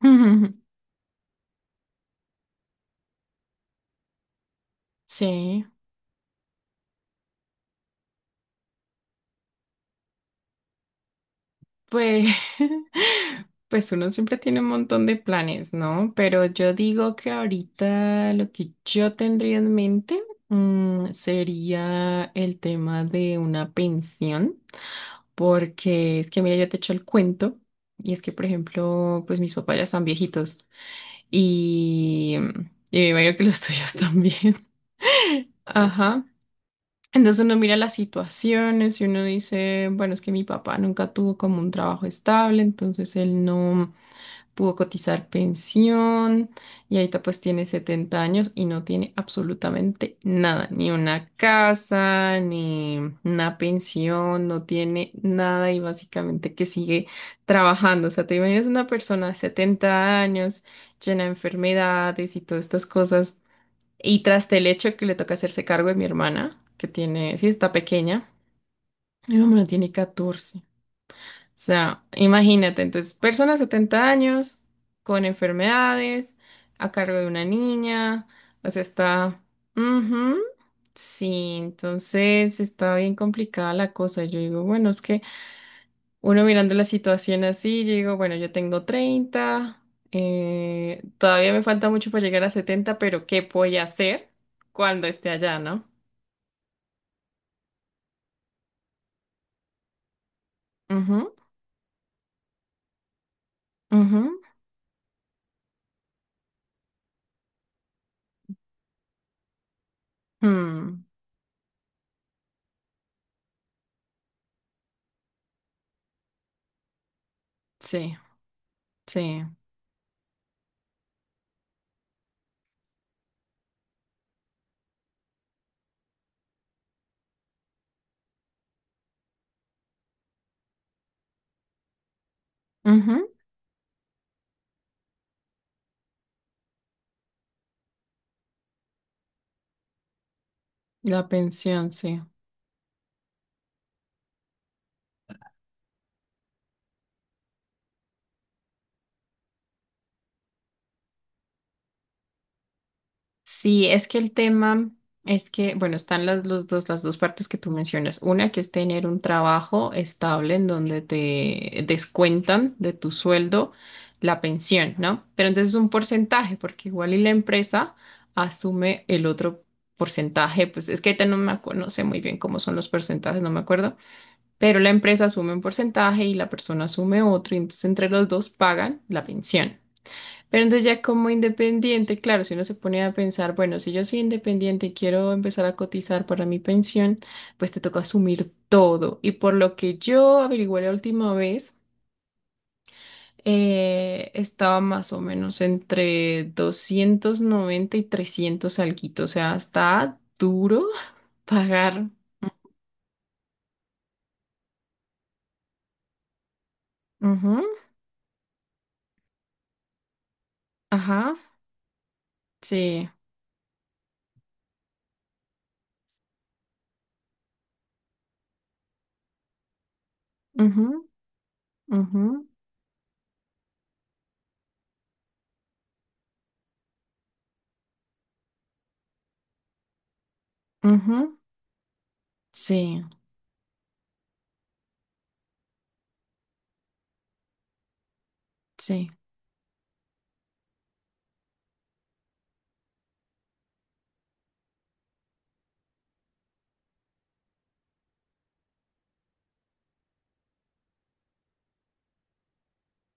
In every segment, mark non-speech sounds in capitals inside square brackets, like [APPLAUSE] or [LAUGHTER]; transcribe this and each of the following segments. [LAUGHS] Sí, pues, [LAUGHS] pues uno siempre tiene un montón de planes, ¿no? Pero yo digo que ahorita lo que yo tendría en mente, sería el tema de una pensión, porque es que, mira, yo te echo el cuento, y es que, por ejemplo, pues mis papás ya están viejitos y me imagino que los tuyos también. [LAUGHS] Ajá. Entonces uno mira las situaciones y uno dice, bueno, es que mi papá nunca tuvo como un trabajo estable, entonces él no pudo cotizar pensión y ahorita pues tiene 70 años y no tiene absolutamente nada, ni una casa, ni una pensión, no tiene nada y básicamente que sigue trabajando. O sea, te imaginas una persona de 70 años llena de enfermedades y todas estas cosas y tras el hecho que le toca hacerse cargo de mi hermana, que tiene, sí, está pequeña, mi hermana tiene 14. O sea, imagínate, entonces, persona de 70 años, con enfermedades, a cargo de una niña, o sea, está... Ujú. Sí, entonces está bien complicada la cosa. Yo digo, bueno, es que uno mirando la situación así, yo digo, bueno, yo tengo 30, todavía me falta mucho para llegar a 70, pero ¿qué voy a hacer cuando esté allá, no? Ujú, ujú, mm, sí, sí. Ujú, la pensión, sí. Sí, es que el tema es que, bueno, están las dos partes que tú mencionas. Una que es tener un trabajo estable en donde te descuentan de tu sueldo la pensión, ¿no? Pero entonces es un porcentaje, porque igual y la empresa asume el otro porcentaje, pues es que ahorita no me acuerdo, no sé muy bien cómo son los porcentajes, no me acuerdo, pero la empresa asume un porcentaje y la persona asume otro, y entonces entre los dos pagan la pensión. Pero entonces ya como independiente, claro, si uno se pone a pensar, bueno, si yo soy independiente y quiero empezar a cotizar para mi pensión, pues te toca asumir todo. Y por lo que yo averigüé la última vez, estaba más o menos entre 290 y 300 alguito, o sea, está duro pagar. Ujú, ajá, sí. Ujú, ujú. Ujú, sí, sí.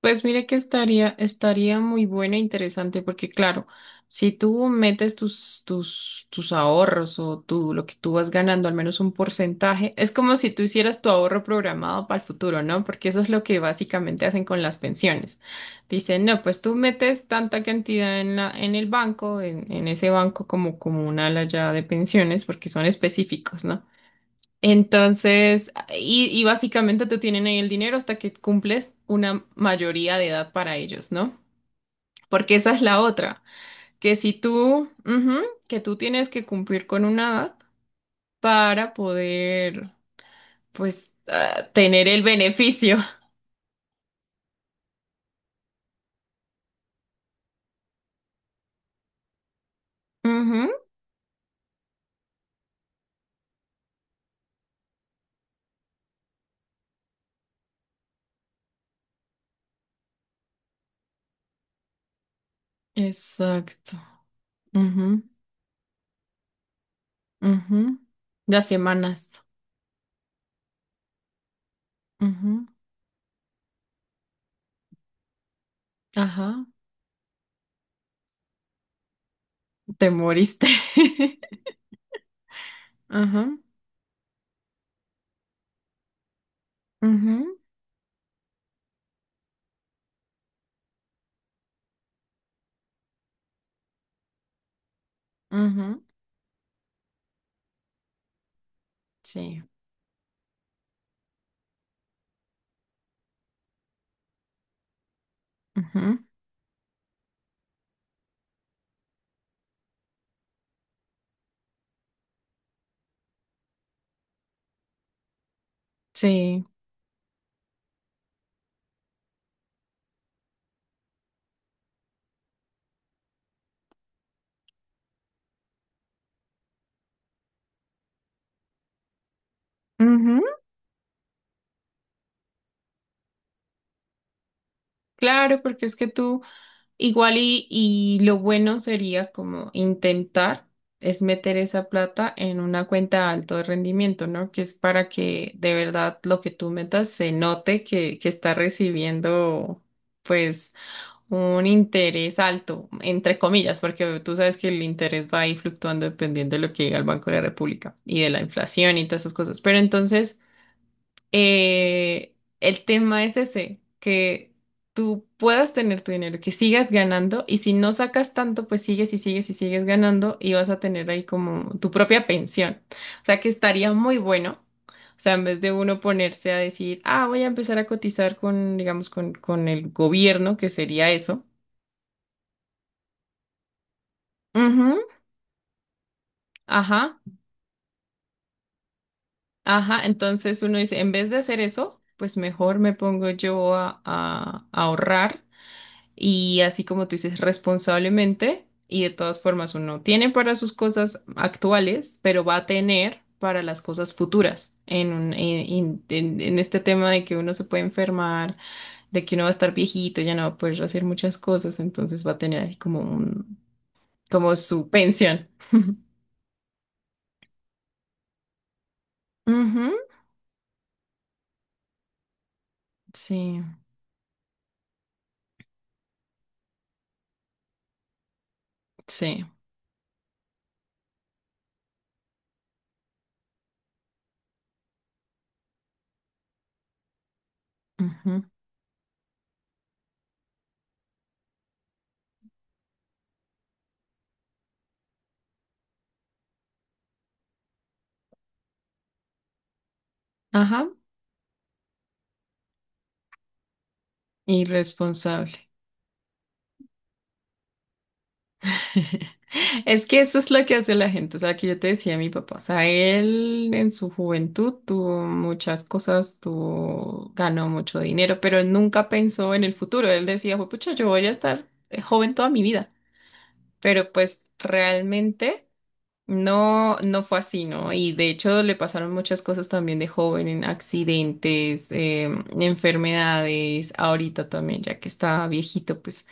Pues mire que estaría muy buena e interesante porque claro, si tú metes tus ahorros o tú, lo que tú vas ganando, al menos un porcentaje, es como si tú hicieras tu ahorro programado para el futuro, ¿no? Porque eso es lo que básicamente hacen con las pensiones. Dicen, no, pues tú metes tanta cantidad en en el banco, en ese banco como un ala ya de pensiones, porque son específicos, ¿no? Entonces, y básicamente te tienen ahí el dinero hasta que cumples una mayoría de edad para ellos, ¿no? Porque esa es la otra, que si tú, ujú, que tú tienes que cumplir con una edad para poder, pues, ah, tener el beneficio. [LAUGHS] Ujú. Exacto. Ujú, ujú. Las semanas. Ujú, ajá. Te moriste. [LAUGHS] Ajá. Ujú, ujú, sí. Ujú, sí. Ujú, claro, porque es que tú igual y lo bueno sería como intentar es meter esa plata en una cuenta de alto de rendimiento, ¿no? Que es para que de verdad lo que tú metas se note que está recibiendo pues un interés alto, entre comillas, porque tú sabes que el interés va ahí fluctuando dependiendo de lo que diga el Banco de la República y de la inflación y todas esas cosas. Pero entonces... Eh, el tema es ese, que tú puedas tener tu dinero, que sigas ganando y si no sacas tanto, pues sigues y sigues y sigues ganando y vas a tener ahí como tu propia pensión. O sea que estaría muy bueno. O sea, en vez de uno ponerse a decir, ah, voy a empezar a cotizar con, digamos, con el gobierno, que sería eso. Ujú, ajá, ajá. Entonces uno dice, en vez de hacer eso, pues mejor me pongo yo a ahorrar y así como tú dices, responsablemente y de todas formas uno tiene para sus cosas actuales, pero va a tener para las cosas futuras. En, un- en este tema de que uno se puede enfermar, de que uno va a estar viejito, ya no va a poder hacer muchas cosas, entonces va a tener ahí como su pensión. Ujú, sí, sí. Ujú, ajá. Irresponsable. [LAUGHS] Es que eso es lo que hace la gente, o sea, que yo te decía mi papá, o sea, él en su juventud tuvo muchas cosas, ganó mucho dinero, pero él nunca pensó en el futuro, él decía, pucha, yo voy a estar joven toda mi vida, pero pues realmente... No, no fue así, ¿no? Y de hecho le pasaron muchas cosas también de joven, en accidentes, enfermedades, ahorita también, ya que está viejito, pues.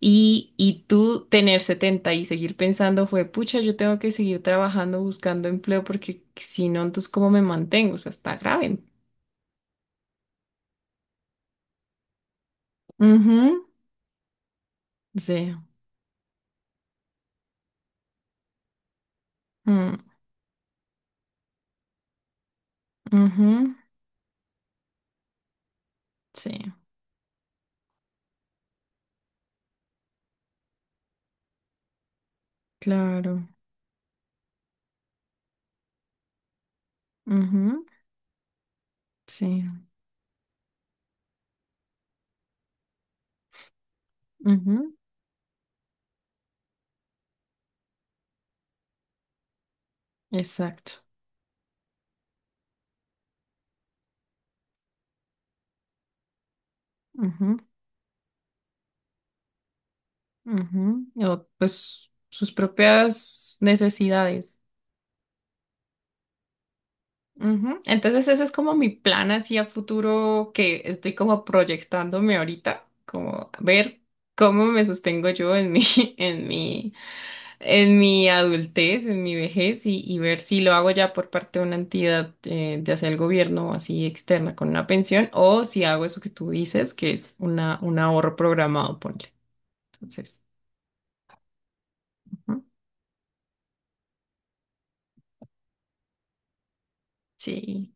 Y tú tener 70 y seguir pensando fue, pucha, yo tengo que seguir trabajando, buscando empleo, porque si no, entonces, ¿cómo me mantengo? O sea, está grave. Ujú, sí. Mm, ujú, sí, claro. Ujú, sí. Ujú, exacto. Ujú, o pues sus propias necesidades. Ujú. Entonces ese es como mi plan así a futuro que estoy como proyectándome ahorita, como ver cómo me sostengo yo en mi, [LAUGHS] en mi, en mi adultez, en mi vejez y ver si lo hago ya por parte de una entidad, ya sea el gobierno o así externa con una pensión o si hago eso que tú dices, que es un ahorro programado, ponle. Entonces, ujú, sí.